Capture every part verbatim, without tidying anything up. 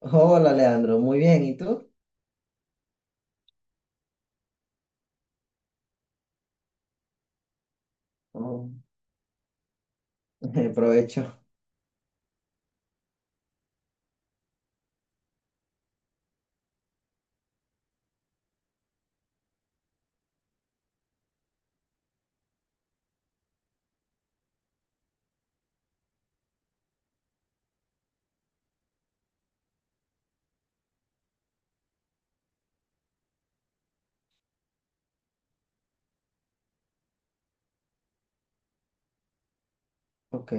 Hola Leandro, muy bien, ¿y tú? Oh, provecho. Ok,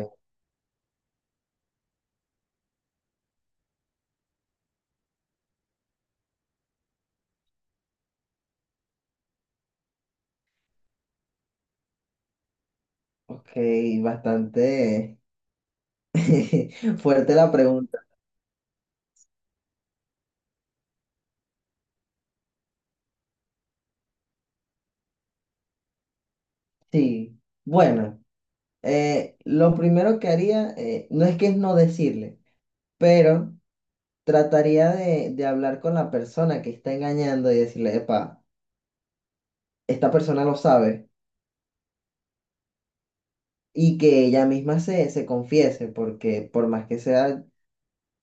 ok, bastante fuerte la pregunta. Sí, bueno, eh, lo primero que haría, eh, no es que es no decirle, pero trataría de, de hablar con la persona que está engañando y decirle, epa, esta persona lo sabe y que ella misma se, se confiese, porque por más que sea,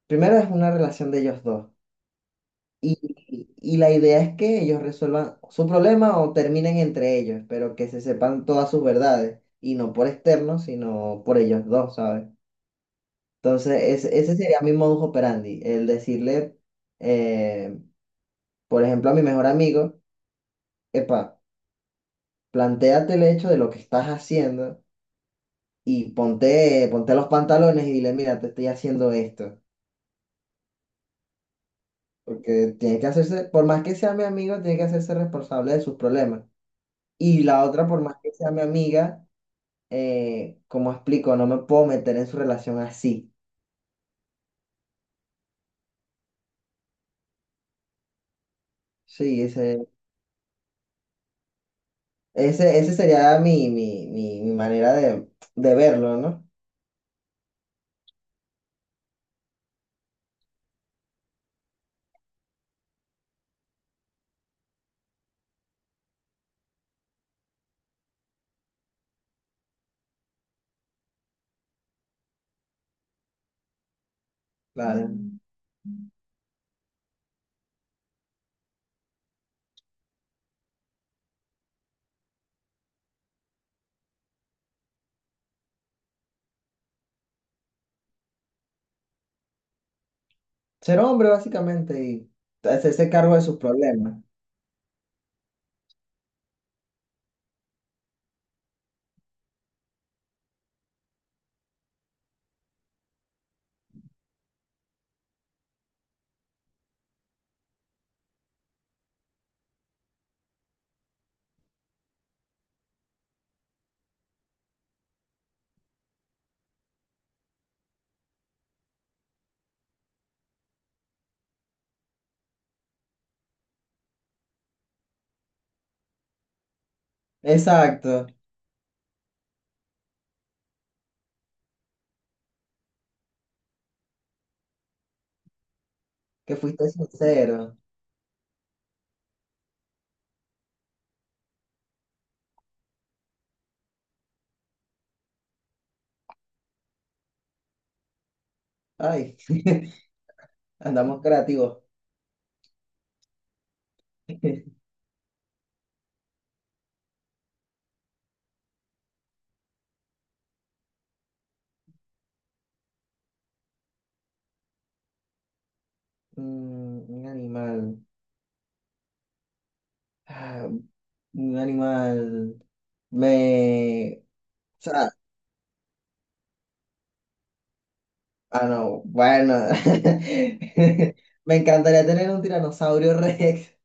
primero es una relación de ellos dos. Y, y la idea es que ellos resuelvan su problema o terminen entre ellos, pero que se sepan todas sus verdades, y no por externos, sino por ellos dos, ¿sabes? Entonces, ese, ese sería mi modus operandi, el decirle, eh, por ejemplo, a mi mejor amigo, epa, plantéate el hecho de lo que estás haciendo y ponte, ponte los pantalones y dile, mira, te estoy haciendo esto, porque tiene que hacerse, por más que sea mi amigo, tiene que hacerse responsable de sus problemas. Y la otra, por más que sea mi amiga, eh, como explico, no me puedo meter en su relación así. Sí, ese, ese, ese sería mi, mi, mi, mi manera de, de verlo, ¿no? La de Mm. ser hombre, básicamente, y hacerse cargo de sus problemas. Exacto, que fuiste sincero. Ay, andamos creativos. Mm, un animal. Ah, un animal. Me... o sea, ah, no, bueno. Me encantaría tener un tiranosaurio Rex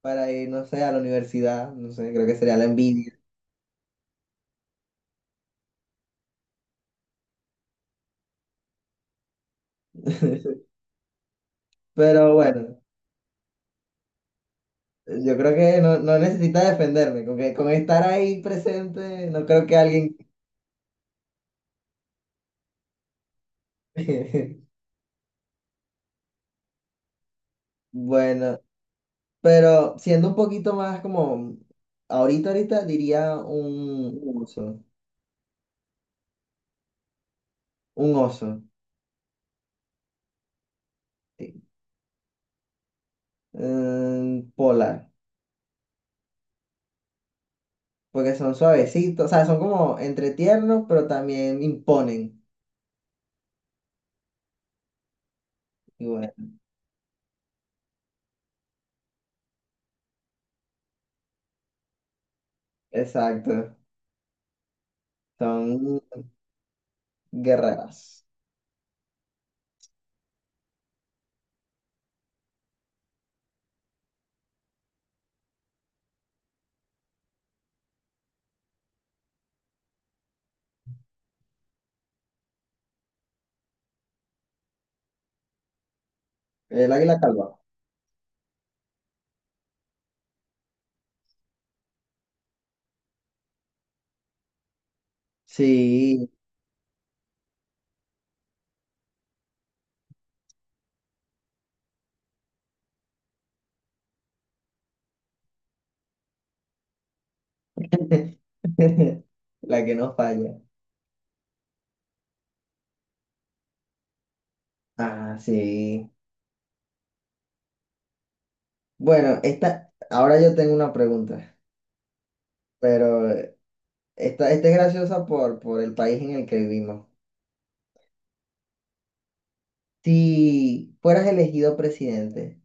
para ir, no sé, a la universidad. No sé, creo que sería la envidia. Pero bueno, yo creo que no, no necesita defenderme. Con que, con estar ahí presente, no creo que alguien. Bueno, pero siendo un poquito más como. Ahorita, ahorita diría un, un oso. Un oso. Sí. Mm, polar. Porque son suavecitos, o sea, son como entre tiernos, pero también imponen. Y bueno, exacto, son guerreras. El águila calva. Sí, la que no falla. Ah, sí. Bueno, esta, ahora yo tengo una pregunta, pero esta, esta es graciosa por, por el país en el que vivimos. Si fueras elegido presidente,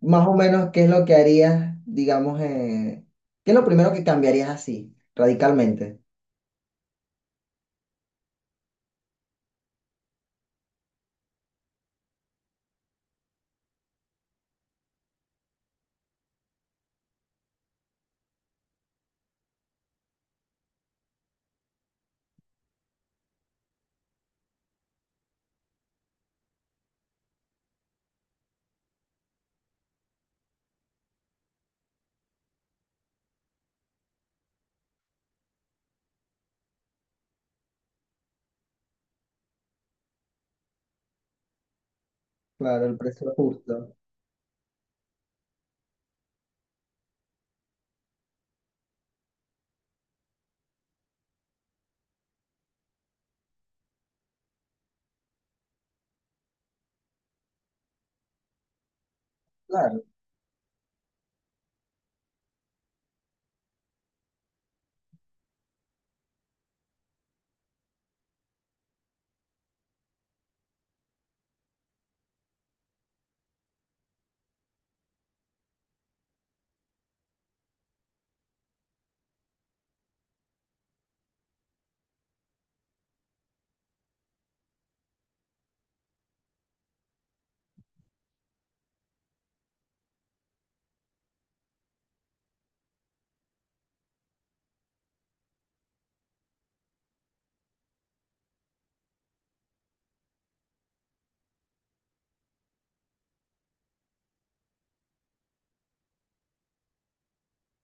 más o menos, ¿qué es lo que harías, digamos, eh, qué es lo primero que cambiarías así, radicalmente? Claro, el precio justo. Claro,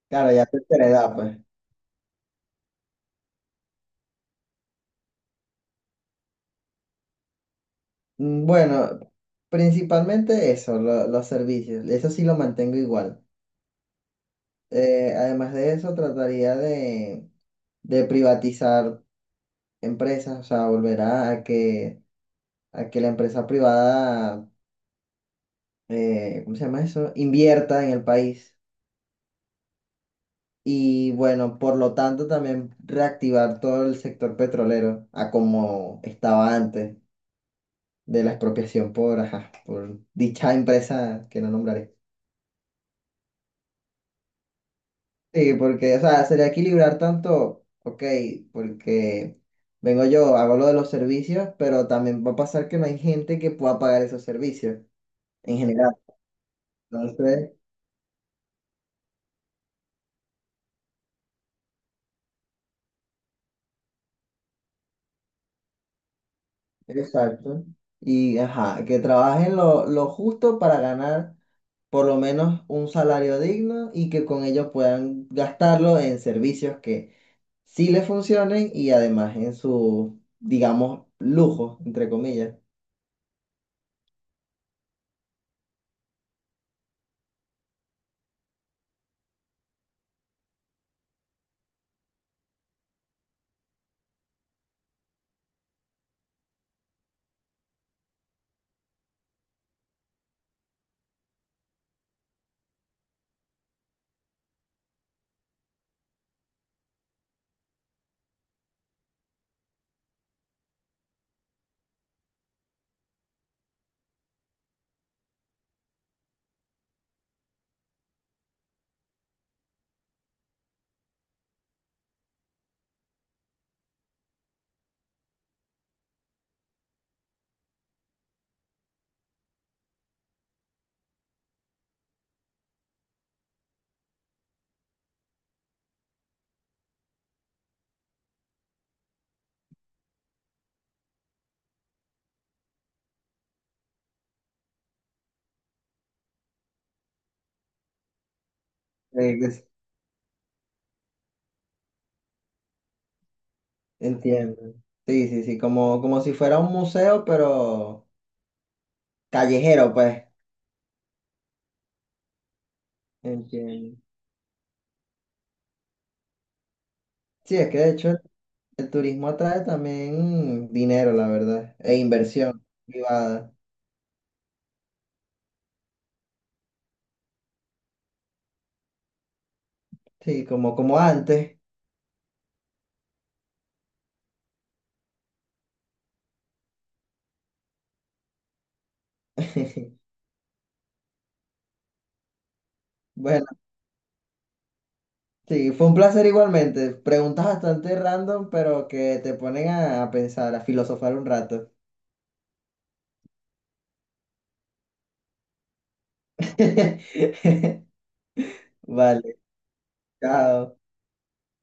claro, ya tercera edad, pues. Mm, bueno, principalmente eso, lo- los servicios. Eso sí lo mantengo igual. Eh, además de eso, trataría de, de privatizar empresas, o sea, volver a, a que, a que la empresa privada, eh, ¿cómo se llama eso? Invierta en el país. Y bueno, por lo tanto, también reactivar todo el sector petrolero a como estaba antes de la expropiación por, ajá, por dicha empresa que no nombraré. Sí, porque, o sea, sería equilibrar tanto, ok, porque vengo yo, hago lo de los servicios, pero también va a pasar que no hay gente que pueda pagar esos servicios en general. Entonces, exacto. Y, ajá, que trabajen lo, lo justo para ganar por lo menos un salario digno y que con ellos puedan gastarlo en servicios que sí le funcionen y además en su, digamos, lujo, entre comillas. Eh, que entiendo. Sí, sí, sí, como, como si fuera un museo, pero callejero, pues. Entiendo. Sí, es que de hecho el, el turismo atrae también mm, dinero, la verdad, e inversión privada. Sí, como, como antes. Bueno, sí, fue un placer igualmente. Preguntas bastante random, pero que te ponen a, a pensar, a filosofar un rato. Vale. cada